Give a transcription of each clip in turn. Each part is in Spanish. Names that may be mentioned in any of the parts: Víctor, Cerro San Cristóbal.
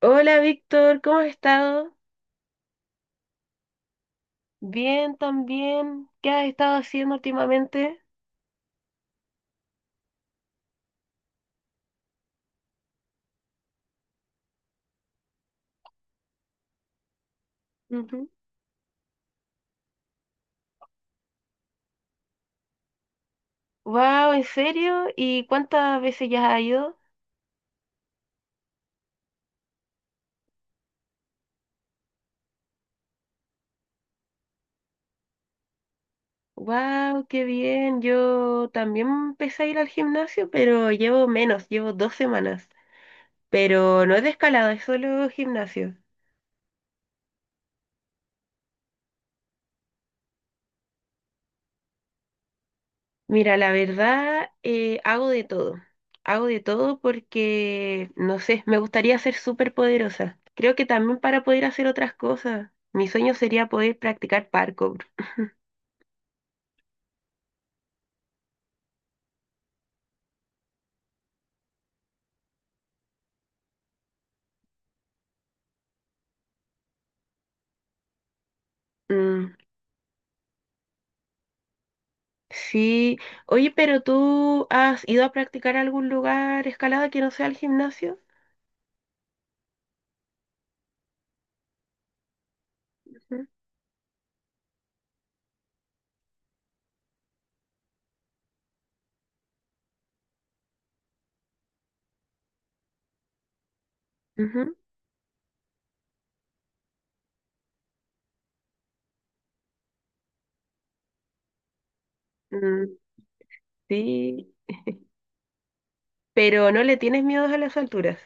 Hola Víctor, ¿cómo has estado? Bien, también. ¿Qué has estado haciendo últimamente? Wow, ¿en serio? ¿Y cuántas veces ya has ido? Wow, qué bien. Yo también empecé a ir al gimnasio, pero llevo menos, llevo 2 semanas. Pero no es de escalada, es solo gimnasio. Mira, la verdad, hago de todo. Hago de todo porque, no sé, me gustaría ser súper poderosa. Creo que también para poder hacer otras cosas. Mi sueño sería poder practicar parkour. Mm, sí. Oye, ¿pero tú has ido a practicar a algún lugar escalada que no sea el gimnasio? Ujú, ujú. Mm, sí. ¿Pero no le tienes miedo a las alturas?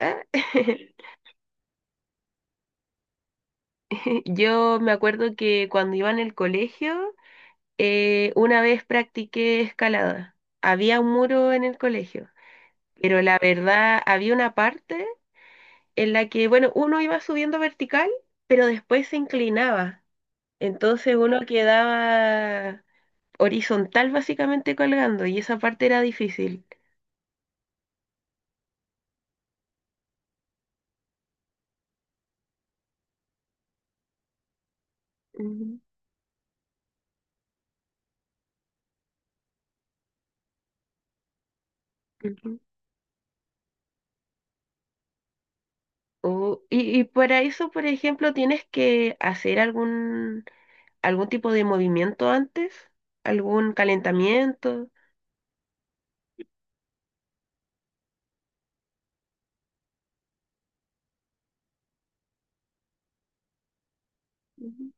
Ah, yo me acuerdo que cuando iba en el colegio. Una vez practiqué escalada. Había un muro en el colegio, pero la verdad había una parte en la que, bueno, uno iba subiendo vertical, pero después se inclinaba. Entonces uno quedaba horizontal básicamente colgando y esa parte era difícil. Ujú, ujú. Oh, y para eso, por ejemplo, tienes que hacer algún, algún tipo de movimiento antes, algún calentamiento. Ujú,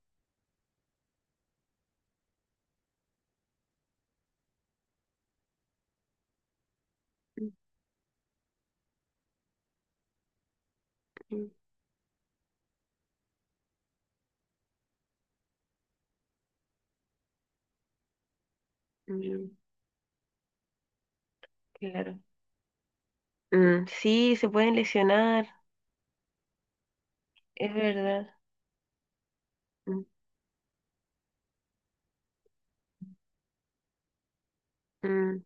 ujú, ujú. Claro. Mm, sí, se pueden lesionar, es verdad. Mm, mm,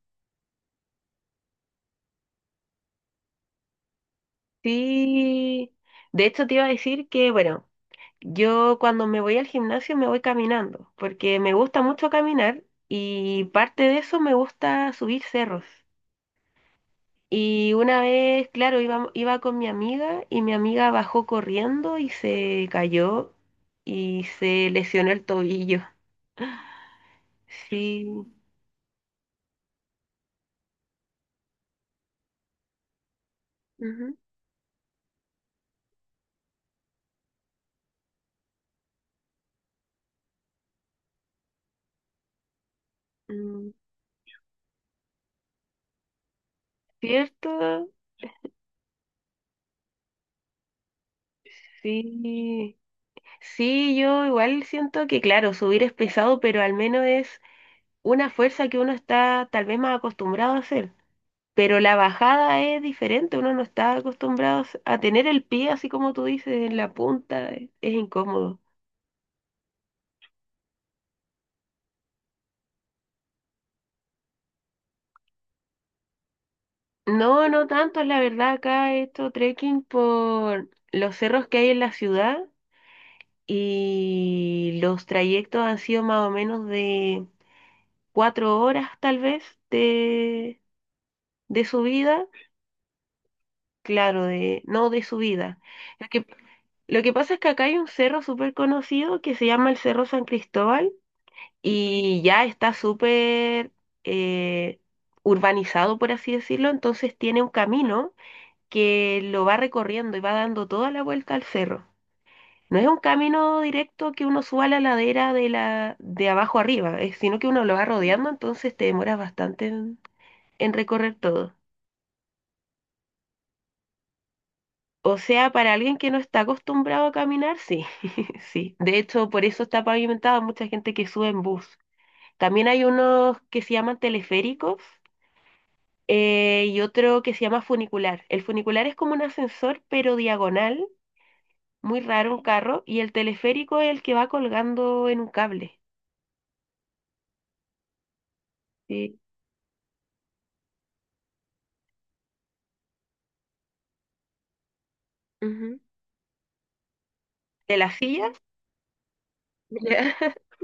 sí. De hecho, te iba a decir que, bueno, yo cuando me voy al gimnasio me voy caminando, porque me gusta mucho caminar y parte de eso me gusta subir cerros. Y una vez, claro, iba con mi amiga y mi amiga bajó corriendo y se cayó y se lesionó el tobillo. Sí. Ujú. Mm, ¿cierto? Sí, sí, yo igual siento que, claro, subir es pesado, pero al menos es una fuerza que uno está tal vez más acostumbrado a hacer. Pero la bajada es diferente, uno no está acostumbrado a tener el pie así como tú dices, en la punta, es incómodo. No, no tanto, la verdad, acá he hecho trekking por los cerros que hay en la ciudad y los trayectos han sido más o menos de 4 horas tal vez de, de subida, claro, de, no de subida. Lo que, lo que pasa es que acá hay un cerro súper conocido que se llama el Cerro San Cristóbal y ya está súper eh, urbanizado, por así decirlo, entonces tiene un camino que lo va recorriendo y va dando toda la vuelta al cerro. No es un camino directo que uno suba la ladera de la de abajo arriba, sino que uno lo va rodeando, entonces te demoras bastante en recorrer todo. O sea, para alguien que no está acostumbrado a caminar, sí, sí. De hecho, por eso está pavimentado, mucha gente que sube en bus. También hay unos que se llaman teleféricos y otro que se llama funicular. El funicular es como un ascensor, pero diagonal, muy raro, un carro, y el teleférico es el que va colgando en un cable. Sí. Ujú. ¿De la silla? Ya.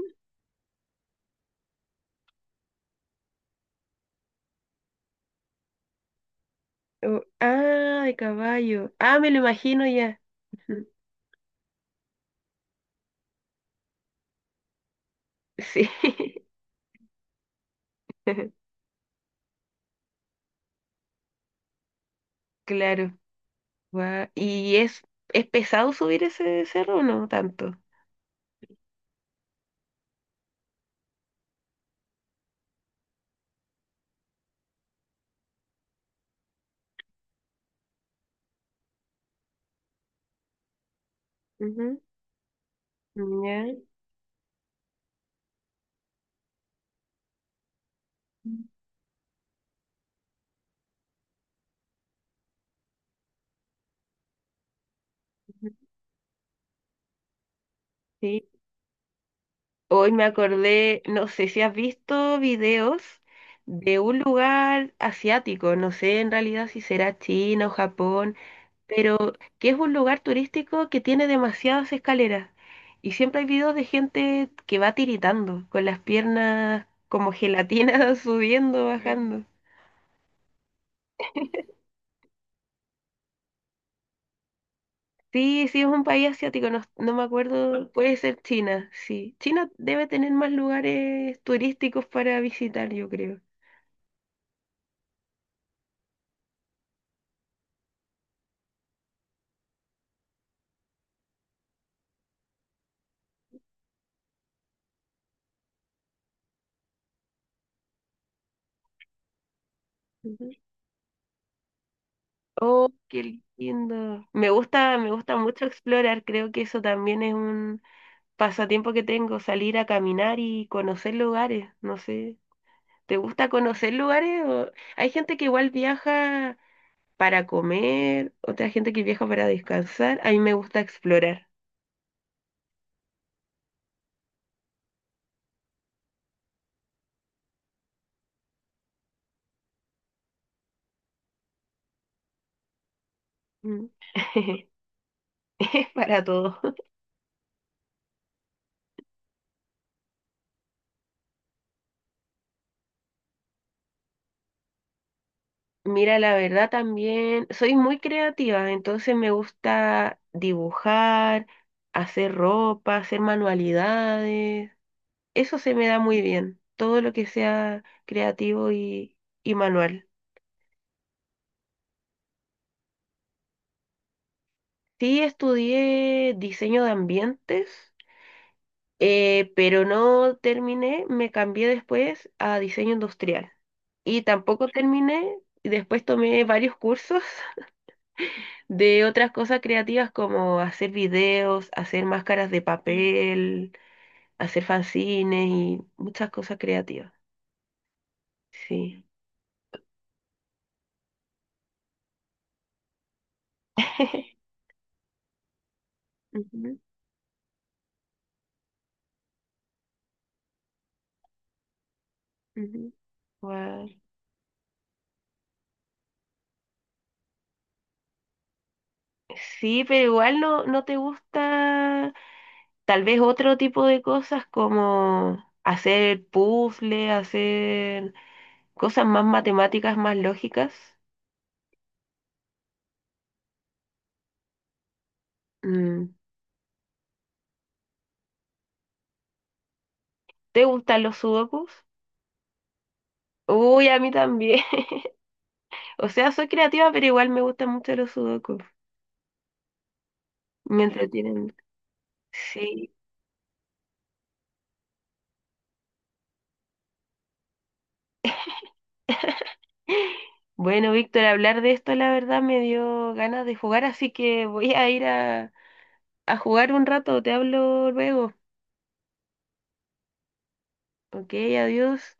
Oh, ah, de caballo. Ah, me lo imagino ya. Ujú. Sí, claro. Guau, ¿y es pesado subir ese cerro o no tanto? Ujú, ya. Ujú. Sí. Hoy me acordé, no sé si has visto videos de un lugar asiático, no sé en realidad si será China o Japón, pero que es un lugar turístico que tiene demasiadas escaleras. Y siempre hay videos de gente que va tiritando, con las piernas como gelatinas subiendo, bajando. Sí, sí, es un país asiático, no, no me acuerdo, puede ser China, sí. China debe tener más lugares turísticos para visitar, yo creo. Ujú. Oh, qué lindo. Me gusta mucho explorar, creo que eso también es un pasatiempo que tengo, salir a caminar y conocer lugares, no sé. ¿Te gusta conocer lugares? O- hay gente que igual viaja para comer, otra gente que viaja para descansar, a mí me gusta explorar. Mm. Es para todo. Mira, la verdad también soy muy creativa, entonces me gusta dibujar, hacer ropa, hacer manualidades. Eso se me da muy bien, todo lo que sea creativo y manual. Sí, estudié diseño de ambientes, pero no terminé, me cambié después a diseño industrial. Y tampoco terminé, y después tomé varios cursos de otras cosas creativas como hacer videos, hacer máscaras de papel, hacer fanzines y muchas cosas creativas. Sí. Ujú, ujú. Guau. Sí, pero igual no, no te gusta tal vez otro tipo de cosas como hacer puzzles, hacer cosas más matemáticas, más lógicas. Mm. ¿Te gustan los sudokus? Uy, a mí también. O sea, soy creativa, pero igual me gustan mucho los sudokus. Me entretienen. Sí. Bueno, Víctor, hablar de esto la verdad me dio ganas de jugar, así que voy a ir a jugar un rato. Te hablo luego. Ok, adiós.